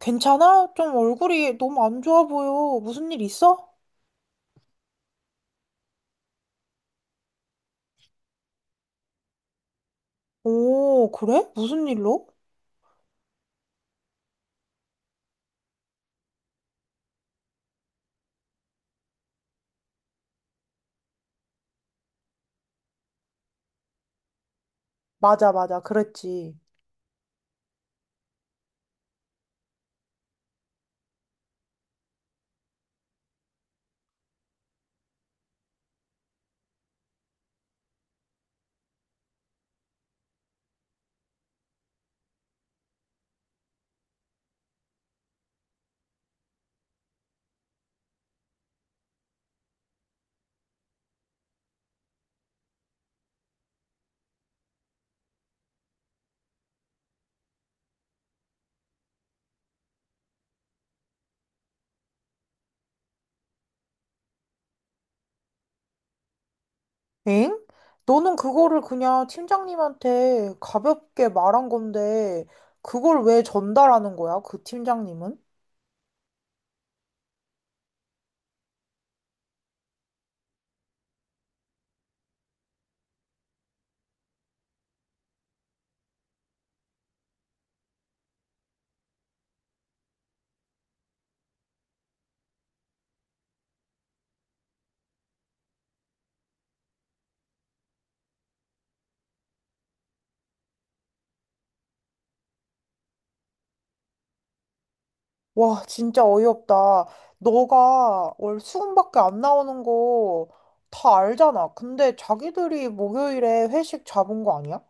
괜찮아? 좀 얼굴이 너무 안 좋아 보여. 무슨 일 있어? 오, 그래? 무슨 일로? 맞아. 그랬지. 엥? 너는 그거를 그냥 팀장님한테 가볍게 말한 건데, 그걸 왜 전달하는 거야? 그 팀장님은? 와, 진짜 어이없다. 너가 월 수금밖에 안 나오는 거 다 알잖아. 근데 자기들이 목요일에 회식 잡은 거 아니야?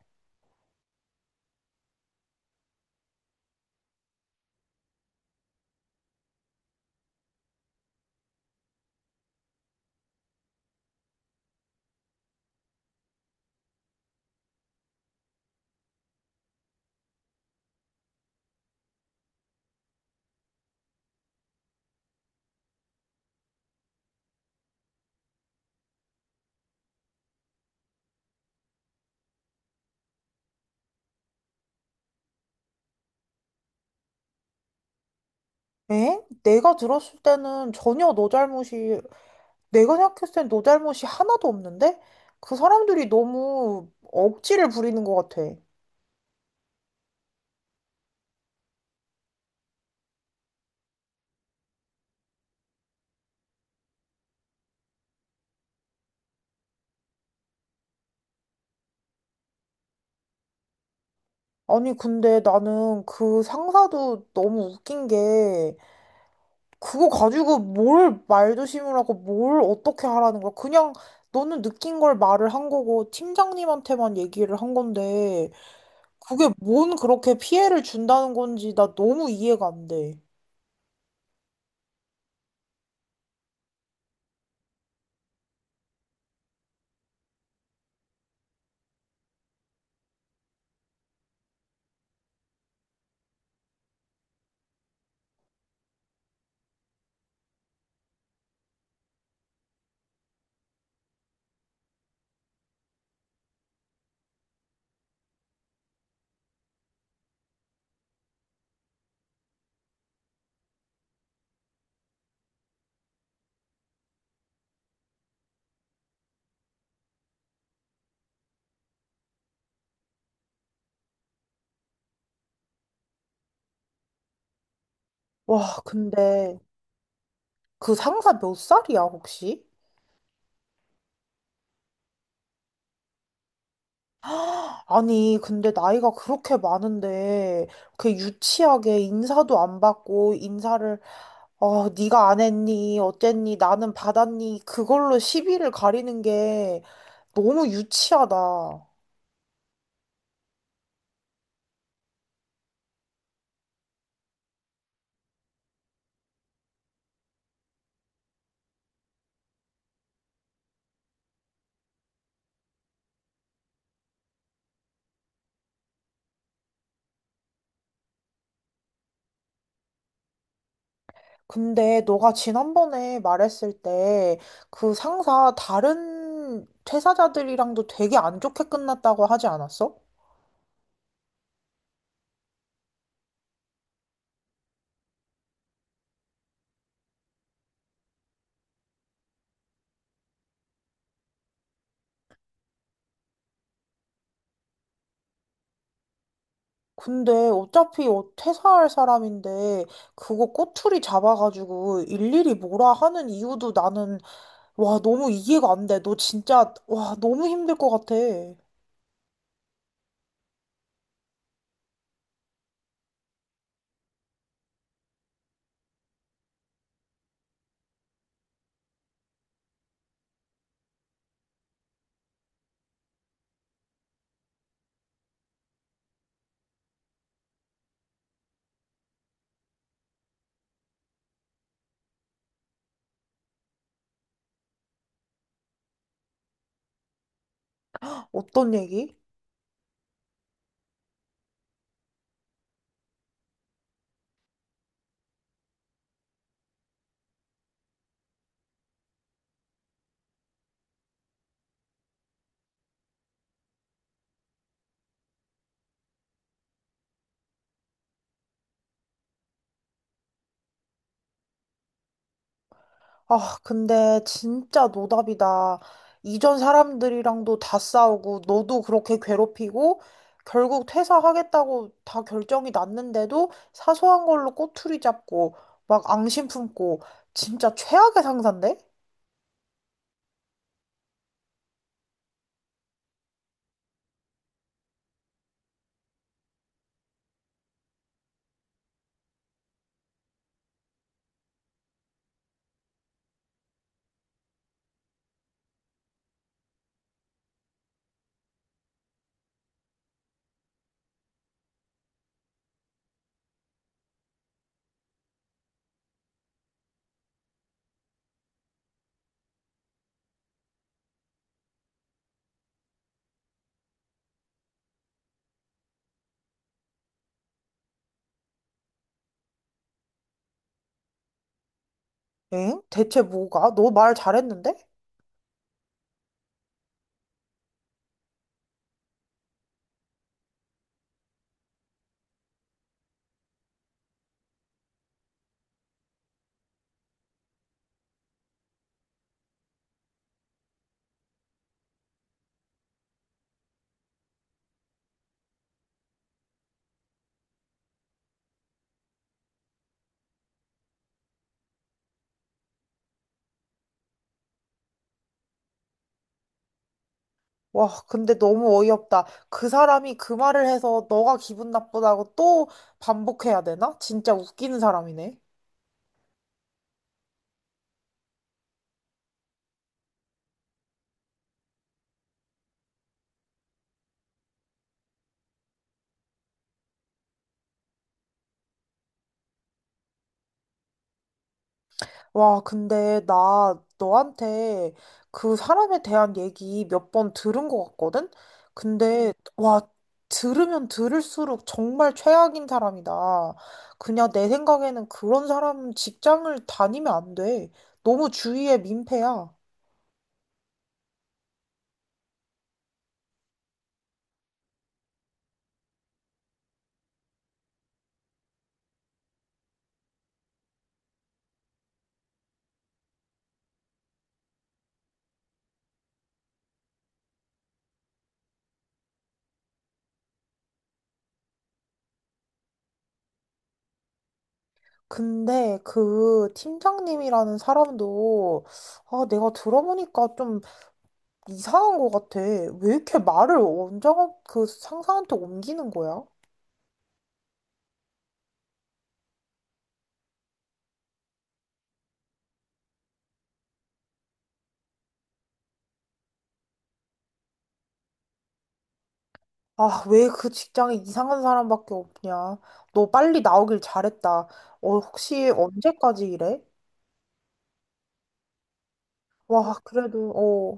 엥? 내가 들었을 때는 전혀 너 잘못이 내가 생각했을 땐 너 잘못이 하나도 없는데? 그 사람들이 너무 억지를 부리는 것 같아. 아니, 근데 나는 그 상사도 너무 웃긴 게, 그거 가지고 뭘 말조심을라고 뭘 어떻게 하라는 거야. 그냥 너는 느낀 걸 말을 한 거고, 팀장님한테만 얘기를 한 건데, 그게 뭔 그렇게 피해를 준다는 건지 나 너무 이해가 안 돼. 와, 근데 그 상사 몇 살이야, 혹시? 아니, 근데 나이가 그렇게 많은데, 그 유치하게 인사도 안 받고, 인사를, 네가 안 했니? 어쨌니? 나는 받았니? 그걸로 시비를 가리는 게 너무 유치하다. 근데 너가 지난번에 말했을 때, 그 상사 다른 퇴사자들이랑도 되게 안 좋게 끝났다고 하지 않았어? 근데 어차피 퇴사할 사람인데 그거 꼬투리 잡아가지고 일일이 뭐라 하는 이유도 나는 와 너무 이해가 안 돼. 너 진짜 와 너무 힘들 것 같아. 어떤 얘기? 아 근데 진짜 노답이다. 이전 사람들이랑도 다 싸우고 너도 그렇게 괴롭히고 결국 퇴사하겠다고 다 결정이 났는데도 사소한 걸로 꼬투리 잡고 막 앙심 품고 진짜 최악의 상사인데? 엥? 대체 뭐가? 너 말 잘했는데? 와, 근데 너무 어이없다. 그 사람이 그 말을 해서 너가 기분 나쁘다고 또 반복해야 되나? 진짜 웃기는 사람이네. 와, 근데 나 너한테 그 사람에 대한 얘기 몇 번 들은 것 같거든? 근데, 와, 들으면 들을수록 정말 최악인 사람이다. 그냥 내 생각에는 그런 사람은 직장을 다니면 안 돼. 너무 주위에 민폐야. 근데 그 팀장님이라는 사람도 아, 내가 들어보니까 좀 이상한 것 같아. 왜 이렇게 말을 원장 그 상사한테 옮기는 거야? 아, 왜 그 직장에 이상한 사람밖에 없냐? 너 빨리 나오길 잘했다. 어, 혹시 언제까지 일해? 와, 그래도 어,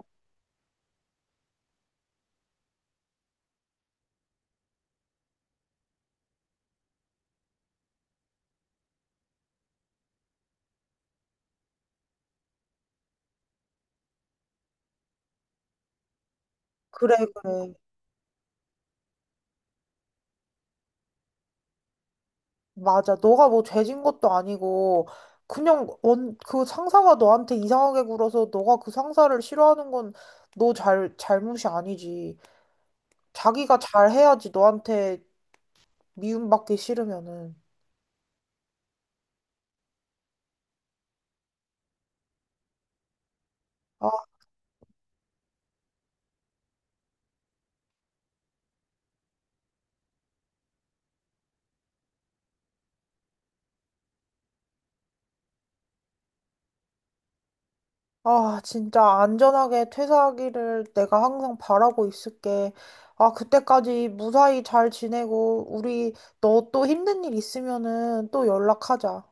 그래, 그래. 맞아. 너가 뭐 죄진 것도 아니고, 그냥 원, 그 상사가 너한테 이상하게 굴어서 너가 그 상사를 싫어하는 건 너 잘못이 아니지. 자기가 잘해야지 너한테 미움받기 싫으면은. 아, 아, 진짜 안전하게 퇴사하기를 내가 항상 바라고 있을게. 아, 그때까지 무사히 잘 지내고, 우리 너 또 힘든 일 있으면은 또 연락하자.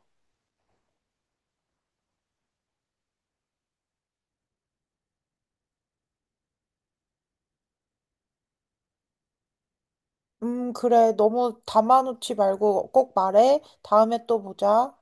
그래. 너무 담아놓지 말고 꼭 말해. 다음에 또 보자.